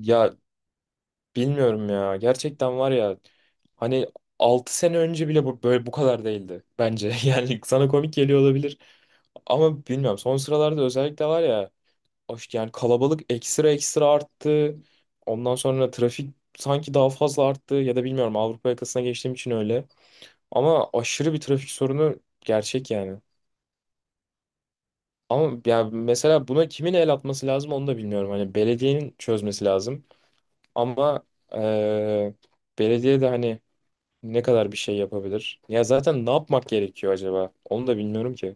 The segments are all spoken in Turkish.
Ya bilmiyorum ya. Gerçekten var ya. Hani 6 sene önce bile bu böyle bu kadar değildi bence. Yani sana komik geliyor olabilir. Ama bilmiyorum son sıralarda özellikle var ya hoş yani kalabalık ekstra ekstra arttı. Ondan sonra trafik sanki daha fazla arttı ya da bilmiyorum Avrupa yakasına geçtiğim için öyle. Ama aşırı bir trafik sorunu gerçek yani. Ama ya mesela buna kimin el atması lazım onu da bilmiyorum. Hani belediyenin çözmesi lazım. Ama eee belediye de hani ne kadar bir şey yapabilir? Ya zaten ne yapmak gerekiyor acaba? Onu da bilmiyorum ki.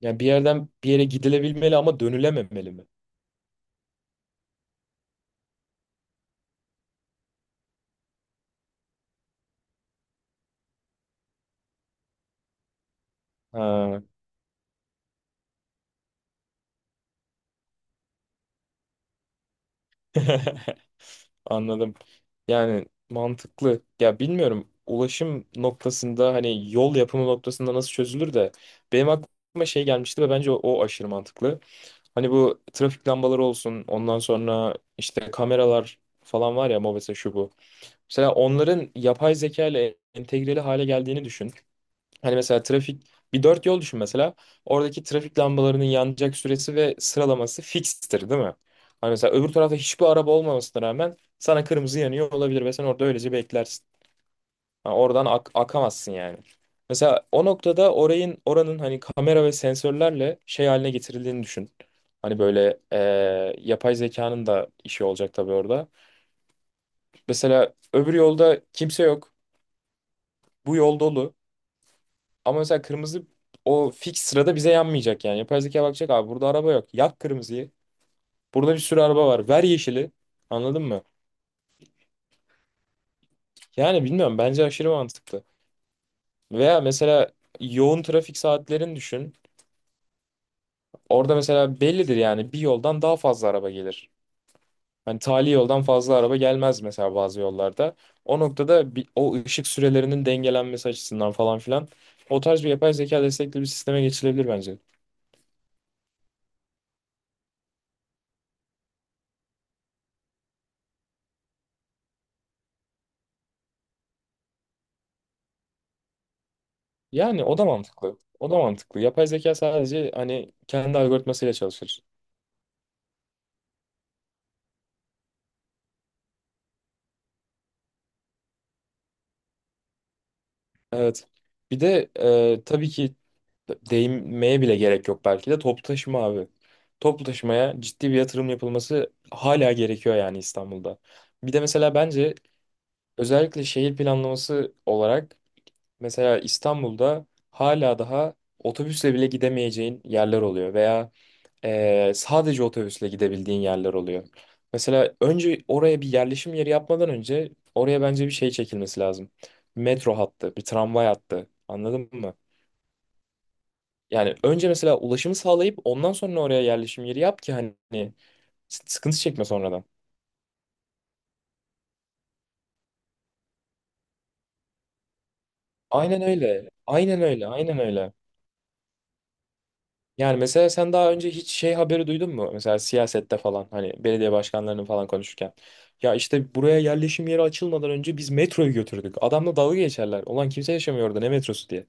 Ya bir yerden bir yere gidilebilmeli ama dönülememeli mi? Ha. Anladım. Yani mantıklı. Ya bilmiyorum ulaşım noktasında hani yol yapımı noktasında nasıl çözülür de benim aklıma şey gelmişti ve bence o aşırı mantıklı. Hani bu trafik lambaları olsun ondan sonra işte kameralar falan var ya mobese şu bu. Mesela onların yapay zeka ile entegreli hale geldiğini düşün. Hani mesela trafik bir dört yol düşün mesela. Oradaki trafik lambalarının yanacak süresi ve sıralaması fikstir değil mi? Hani mesela öbür tarafta hiçbir araba olmamasına rağmen sana kırmızı yanıyor olabilir ve sen orada öylece beklersin. Ha, oradan akamazsın yani. Mesela o noktada oranın hani kamera ve sensörlerle şey haline getirildiğini düşün. Hani böyle yapay zekanın da işi olacak tabii orada. Mesela öbür yolda kimse yok. Bu yol dolu. Ama mesela kırmızı o fix sırada bize yanmayacak yani. Yapay zeka bakacak abi burada araba yok. Yak kırmızıyı. Burada bir sürü araba var. Ver yeşili. Anladın mı? Yani bilmiyorum bence aşırı mantıklı. Veya mesela yoğun trafik saatlerini düşün. Orada mesela bellidir yani bir yoldan daha fazla araba gelir. Hani tali yoldan fazla araba gelmez mesela bazı yollarda. O noktada o ışık sürelerinin dengelenmesi açısından falan filan o tarz bir yapay zeka destekli bir sisteme geçilebilir bence. Yani o da mantıklı. O da mantıklı. Yapay zeka sadece hani kendi algoritmasıyla çalışır. Evet. Bir de tabii ki değinmeye bile gerek yok belki de toplu taşıma abi. Toplu taşımaya ciddi bir yatırım yapılması hala gerekiyor yani İstanbul'da. Bir de mesela bence özellikle şehir planlaması olarak mesela İstanbul'da hala daha otobüsle bile gidemeyeceğin yerler oluyor veya sadece otobüsle gidebildiğin yerler oluyor. Mesela önce oraya bir yerleşim yeri yapmadan önce oraya bence bir şey çekilmesi lazım. Bir metro hattı, bir tramvay hattı. Anladın mı? Yani önce mesela ulaşımı sağlayıp ondan sonra oraya yerleşim yeri yap ki hani sıkıntı çekme sonradan. Aynen öyle. Aynen öyle. Aynen öyle. Yani mesela sen daha önce hiç şey haberi duydun mu? Mesela siyasette falan hani belediye başkanlarının falan konuşurken. Ya işte buraya yerleşim yeri açılmadan önce biz metroyu götürdük. Adamla dalga geçerler. Ulan kimse yaşamıyor orada ne metrosu diye.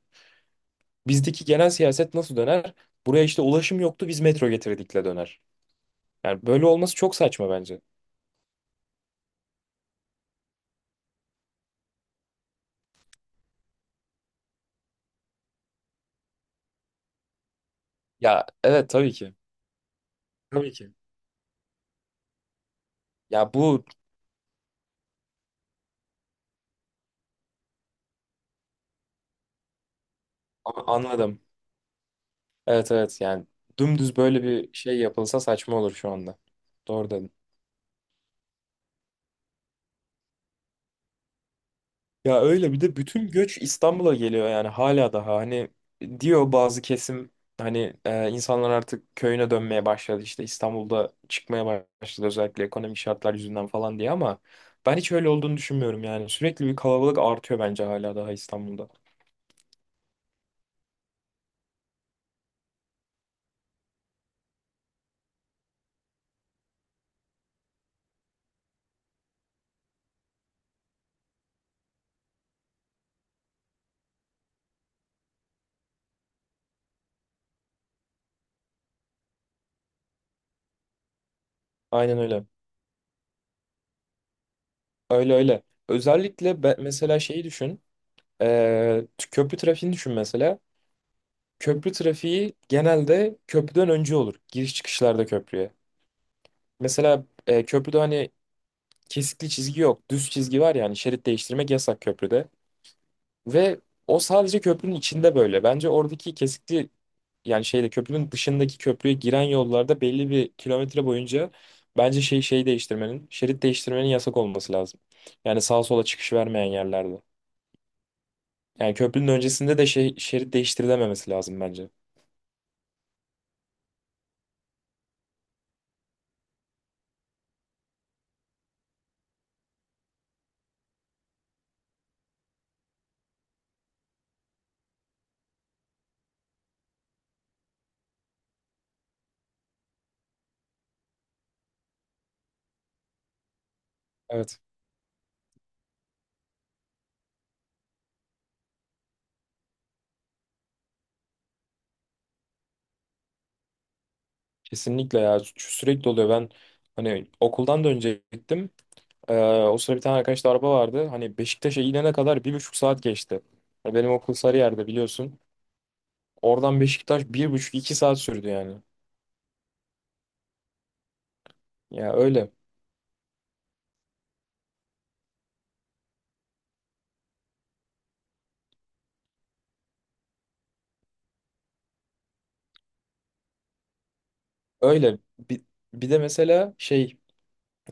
Bizdeki genel siyaset nasıl döner? Buraya işte ulaşım yoktu biz metro getirdikle döner. Yani böyle olması çok saçma bence. Ya evet tabii ki. Tabii ki. Ya bu anladım. Evet evet yani dümdüz böyle bir şey yapılsa saçma olur şu anda. Doğru dedin. Ya öyle bir de bütün göç İstanbul'a geliyor yani hala daha hani diyor bazı kesim hani insanlar artık köyüne dönmeye başladı işte İstanbul'da çıkmaya başladı özellikle ekonomik şartlar yüzünden falan diye ama ben hiç öyle olduğunu düşünmüyorum yani sürekli bir kalabalık artıyor bence hala daha İstanbul'da. Aynen öyle öyle öyle özellikle mesela şeyi düşün köprü trafiğini düşün mesela köprü trafiği genelde köprüden önce olur giriş çıkışlarda köprüye. Mesela köprüde hani kesikli çizgi yok. Düz çizgi var yani şerit değiştirmek yasak köprüde. Ve o sadece köprünün içinde böyle. Bence oradaki kesikli yani şeyde köprünün dışındaki köprüye giren yollarda belli bir kilometre boyunca bence şerit değiştirmenin yasak olması lazım. Yani sağa sola çıkış vermeyen yerlerde. Yani köprünün öncesinde de şerit değiştirilememesi lazım bence. Evet. Kesinlikle ya sürekli oluyor. Ben hani okuldan da önce gittim. O sıra bir tane arkadaşta araba vardı. Hani Beşiktaş'a inene kadar 1,5 saat geçti. Ya benim okul Sarıyer'de biliyorsun. Oradan Beşiktaş bir buçuk iki saat sürdü yani. Ya öyle. Öyle. Bir, bir de mesela şey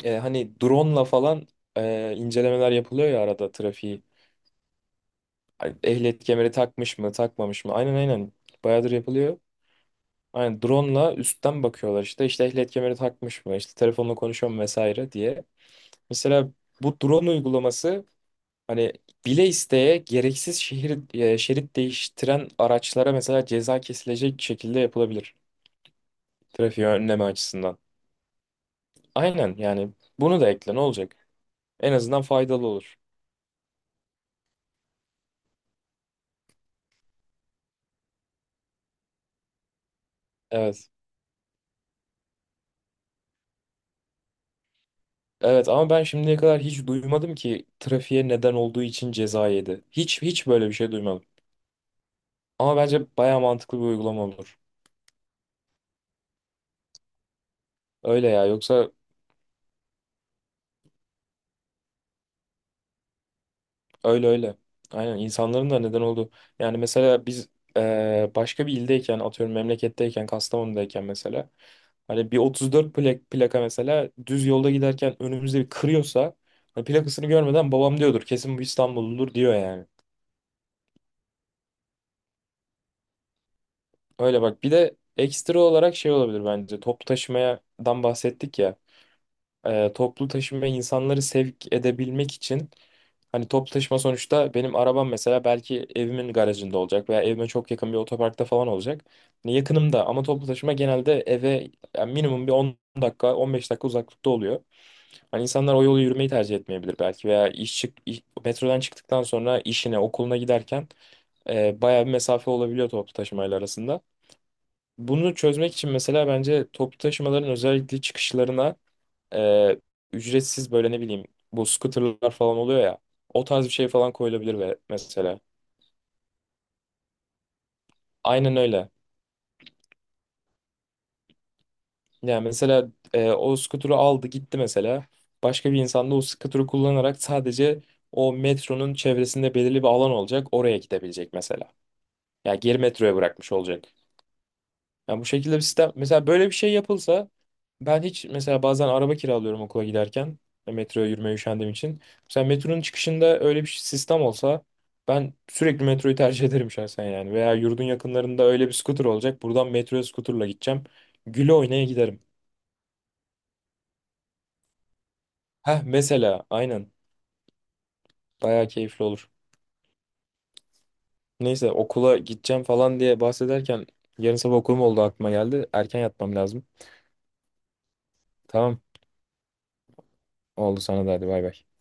e, hani drone'la falan incelemeler yapılıyor ya arada trafiği. Ay, ehliyet kemeri takmış mı takmamış mı? Aynen aynen. Bayağıdır yapılıyor. Aynen drone'la üstten bakıyorlar işte. İşte ehliyet kemeri takmış mı? İşte telefonla konuşuyor mu vesaire diye. Mesela bu drone uygulaması hani bile isteye gereksiz şerit değiştiren araçlara mesela ceza kesilecek şekilde yapılabilir. Trafiği önleme açısından. Aynen yani bunu da ekle ne olacak? En azından faydalı olur. Evet. Evet ama ben şimdiye kadar hiç duymadım ki trafiğe neden olduğu için ceza yedi. Hiç hiç böyle bir şey duymadım. Ama bence baya mantıklı bir uygulama olur. Öyle ya yoksa. Öyle öyle. Aynen insanların da neden oldu. Yani mesela biz başka bir ildeyken atıyorum memleketteyken Kastamonu'dayken mesela hani bir 34 plaka mesela düz yolda giderken önümüzde bir kırıyorsa hani plakasını görmeden babam diyordur kesin bu İstanbulludur diyor yani. Öyle bak bir de ekstra olarak şey olabilir bence toplu taşımadan bahsettik ya. Toplu taşıma insanları sevk edebilmek için hani toplu taşıma sonuçta benim arabam mesela belki evimin garajında olacak veya evime çok yakın bir otoparkta falan olacak. Hani yakınımda ama toplu taşıma genelde eve yani minimum bir 10 dakika 15 dakika uzaklıkta oluyor. Hani insanlar o yolu yürümeyi tercih etmeyebilir belki veya metrodan çıktıktan sonra işine okuluna giderken bayağı bir mesafe olabiliyor toplu taşımayla arasında. Bunu çözmek için mesela bence toplu taşımaların özellikle çıkışlarına e, ücretsiz böyle ne bileyim bu scooterlar falan oluyor ya. O tarz bir şey falan koyulabilir ve mesela. Aynen öyle. Yani mesela o scooter'ı aldı gitti mesela. Başka bir insan da o scooter'ı kullanarak sadece o metronun çevresinde belirli bir alan olacak. Oraya gidebilecek mesela. Yani geri metroya bırakmış olacak. Yani bu şekilde bir sistem mesela böyle bir şey yapılsa ben hiç mesela bazen araba kiralıyorum okula giderken metroya yürümeye üşendiğim için. Mesela metronun çıkışında öyle bir sistem olsa ben sürekli metroyu tercih ederim şahsen yani. Veya yurdun yakınlarında öyle bir scooter olacak. Buradan metroya scooterla gideceğim. Güle oynaya giderim. Heh mesela aynen bayağı keyifli olur. Neyse okula gideceğim falan diye bahsederken yarın sabah okulum oldu aklıma geldi. Erken yatmam lazım. Tamam oldu sana da hadi bay bay.